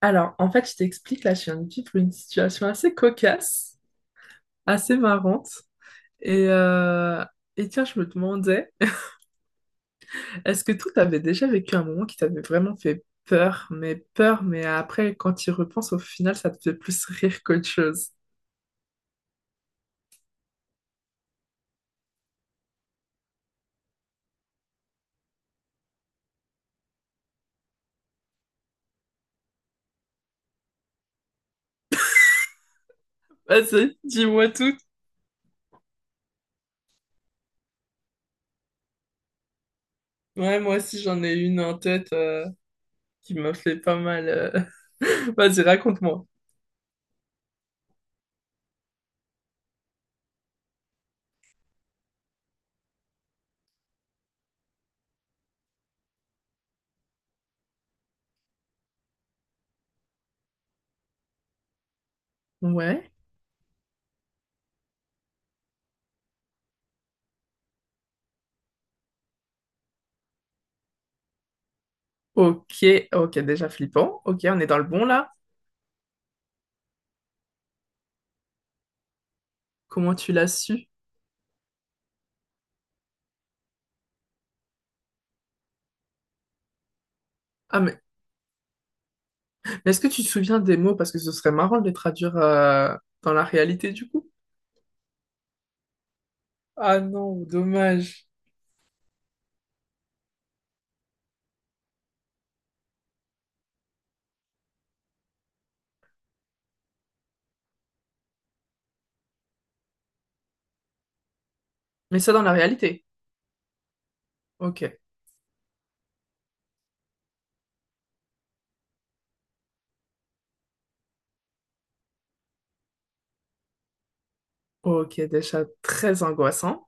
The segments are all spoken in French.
Alors, en fait, je t'explique, là, je viens de vivre une situation assez cocasse, assez marrante. Et, euh, et tiens, je me demandais, est-ce que toi, t'avais déjà vécu un moment qui t'avait vraiment fait peur, mais après, quand tu y repenses, au final, ça te fait plus rire qu'autre chose? Vas-y, dis-moi tout. Ouais, moi aussi, j'en ai une en tête qui m'a fait pas mal. Vas-y, raconte-moi. Ouais. Ok, ok, déjà flippant. Ok, on est dans le bon, là. Comment tu l'as su? Ah mais. Est-ce que tu te souviens des mots? Parce que ce serait marrant de les traduire dans la réalité du coup. Ah non, dommage. Mais ça dans la réalité. Ok. Ok, déjà très angoissant.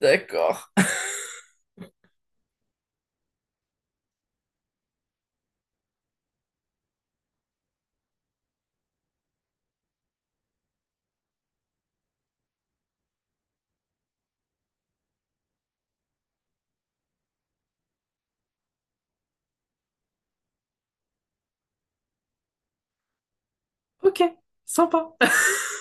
D'accord. Ok, sympa.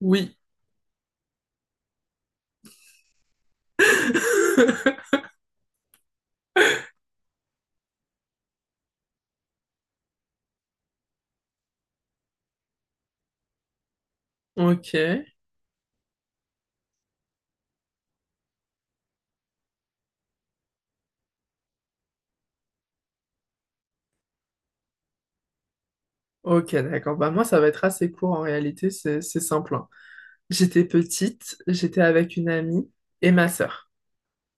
Oui. Ok. Ok, d'accord. Bah moi, ça va être assez court en réalité, c'est simple, hein. J'étais petite, j'étais avec une amie et ma sœur.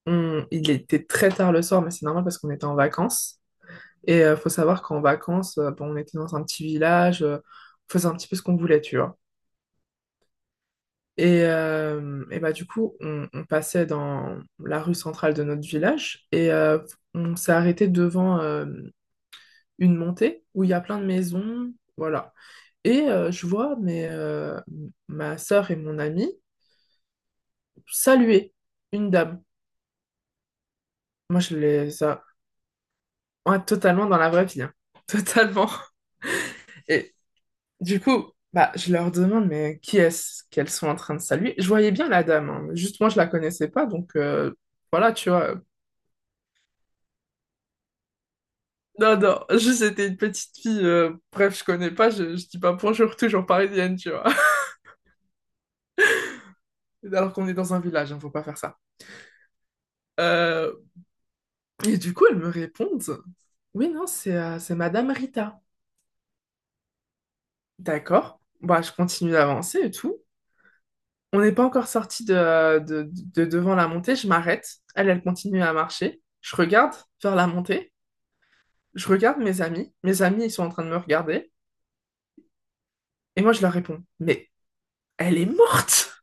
Il était très tard le soir, mais c'est normal parce qu'on était en vacances. Et faut savoir qu'en vacances, bon, on était dans un petit village, on faisait un petit peu ce qu'on voulait, tu vois. Et bah, du coup, on passait dans la rue centrale de notre village et on s'est arrêté devant une montée où il y a plein de maisons, voilà. Et je vois ma sœur et mon ami saluer une dame. Moi, je les a... Ouais, totalement dans la vraie vie, hein. Totalement. Et, du coup, bah, je leur demande, mais qui est-ce qu'elles sont en train de saluer? Je voyais bien la dame, hein, juste moi, je la connaissais pas, donc voilà, tu vois. Non, non, juste c'était une petite fille, bref, je connais pas, je dis pas bonjour, toujours parisienne, tu vois. Alors qu'on est dans un village, hein, faut pas faire ça. Euh, et du coup, elles me répondent, oui, non, c'est Madame Rita. D'accord, bah, je continue d'avancer et tout. On n'est pas encore sorti de devant la montée, je m'arrête. Elle, elle continue à marcher. Je regarde vers la montée. Je regarde mes amis ils sont en train de me regarder, et moi je leur réponds, mais elle est morte!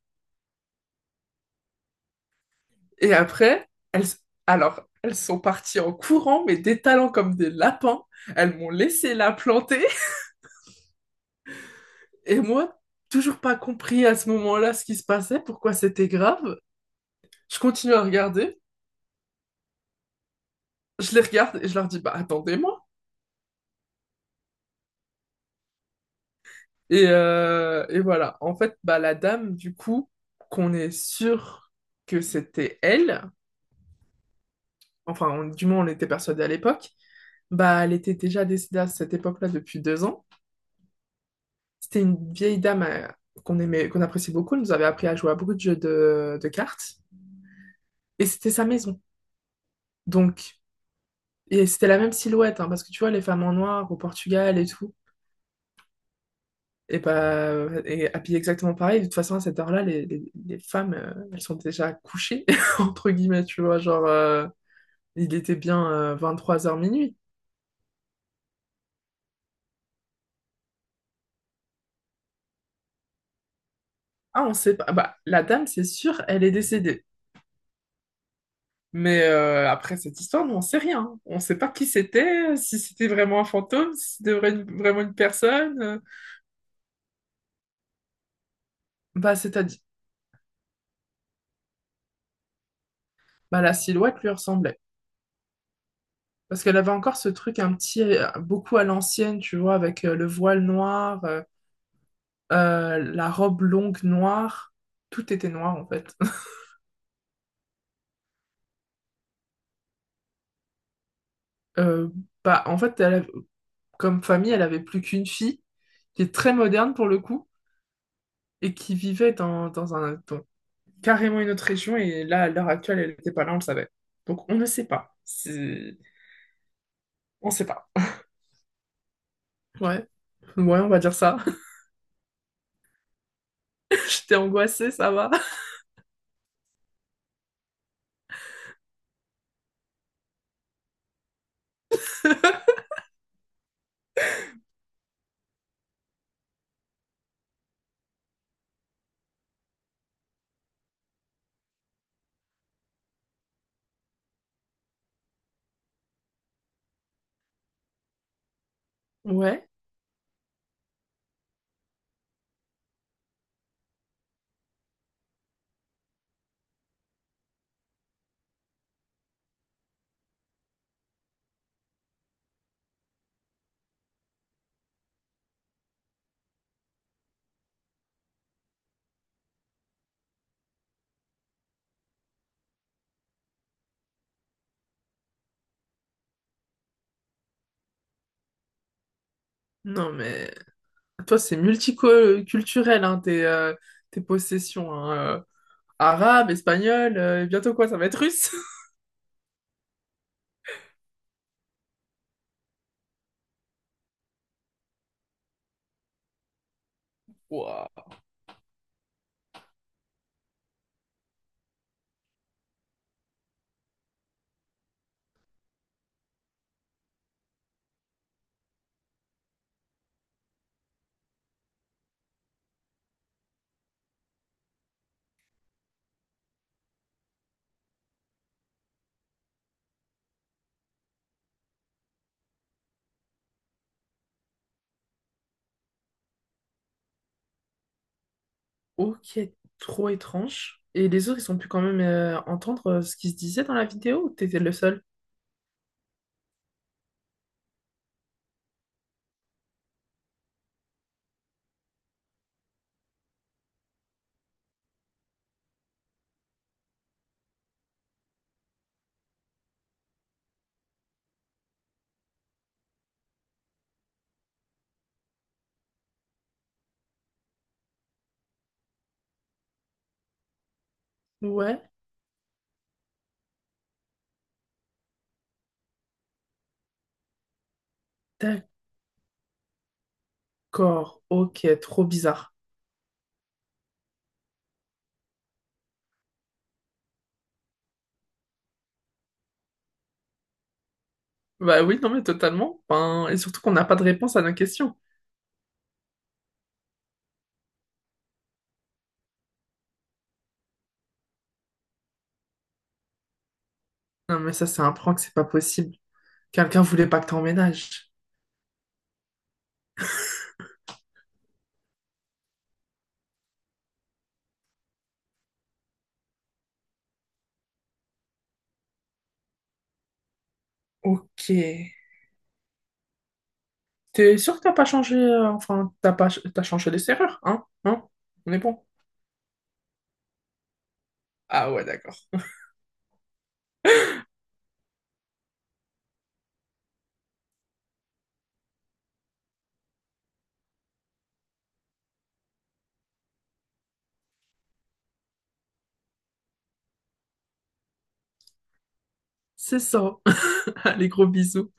Et après, elles, alors, elles sont parties en courant, mais détalant comme des lapins, elles m'ont laissé la planter, et moi, toujours pas compris à ce moment-là ce qui se passait, pourquoi c'était grave. Je continue à regarder, je les regarde et je leur dis, bah attendez-moi. Et voilà, en fait, bah, la dame, du coup, qu'on est sûr que c'était elle, enfin, du moins on était persuadé à l'époque. Bah, elle était déjà décédée à cette époque-là depuis 2 ans. C'était une vieille dame qu'on aimait, qu'on appréciait beaucoup. Elle nous avait appris à jouer à beaucoup de jeux de cartes. Et c'était sa maison. Donc, et c'était la même silhouette, hein, parce que tu vois, les femmes en noir au Portugal et tout, et bah, et habillées exactement pareil. De toute façon, à cette heure-là, les femmes, elles sont déjà couchées, entre guillemets, tu vois. Genre, il était bien 23 heures minuit. Ah, on sait pas. Bah, la dame, c'est sûr, elle est décédée. Mais après cette histoire, nous, on sait rien. On ne sait pas qui c'était, si c'était vraiment un fantôme, si c'était vraiment une personne. Bah, c'est-à-dire, la silhouette lui ressemblait. Parce qu'elle avait encore ce truc beaucoup à l'ancienne, tu vois, avec le voile noir, la robe longue noire. Tout était noir, en fait. Euh, Bah, en fait, comme famille, elle avait plus qu'une fille, qui est très moderne pour le coup, et qui vivait dans carrément une autre région et là, à l'heure actuelle, elle n'était pas là, on le savait. Donc on ne sait pas. On ne sait pas. Ouais, ouais, on va dire ça. J'étais angoissée, ça va. Ouais. Non, mais toi, c'est multiculturel, hein, tes possessions, hein, arabe, espagnol, et bientôt quoi, ça va être russe. Waouh. Ok, trop étrange. Et les autres, ils ont pu quand même entendre ce qui se disait dans la vidéo ou t'étais le seul? Ouais. D'accord, ok, trop bizarre. Bah oui, non mais totalement. Ben, et surtout qu'on n'a pas de réponse à nos questions. Non mais ça c'est un prank, c'est pas possible. Quelqu'un voulait pas que t'emménages. Ok. T'es sûr que t'as pas changé, enfin t'as pas, t'as changé les serrures, hein? Hein? On est bon. Ah ouais, d'accord. C'est ça. Allez, gros bisous.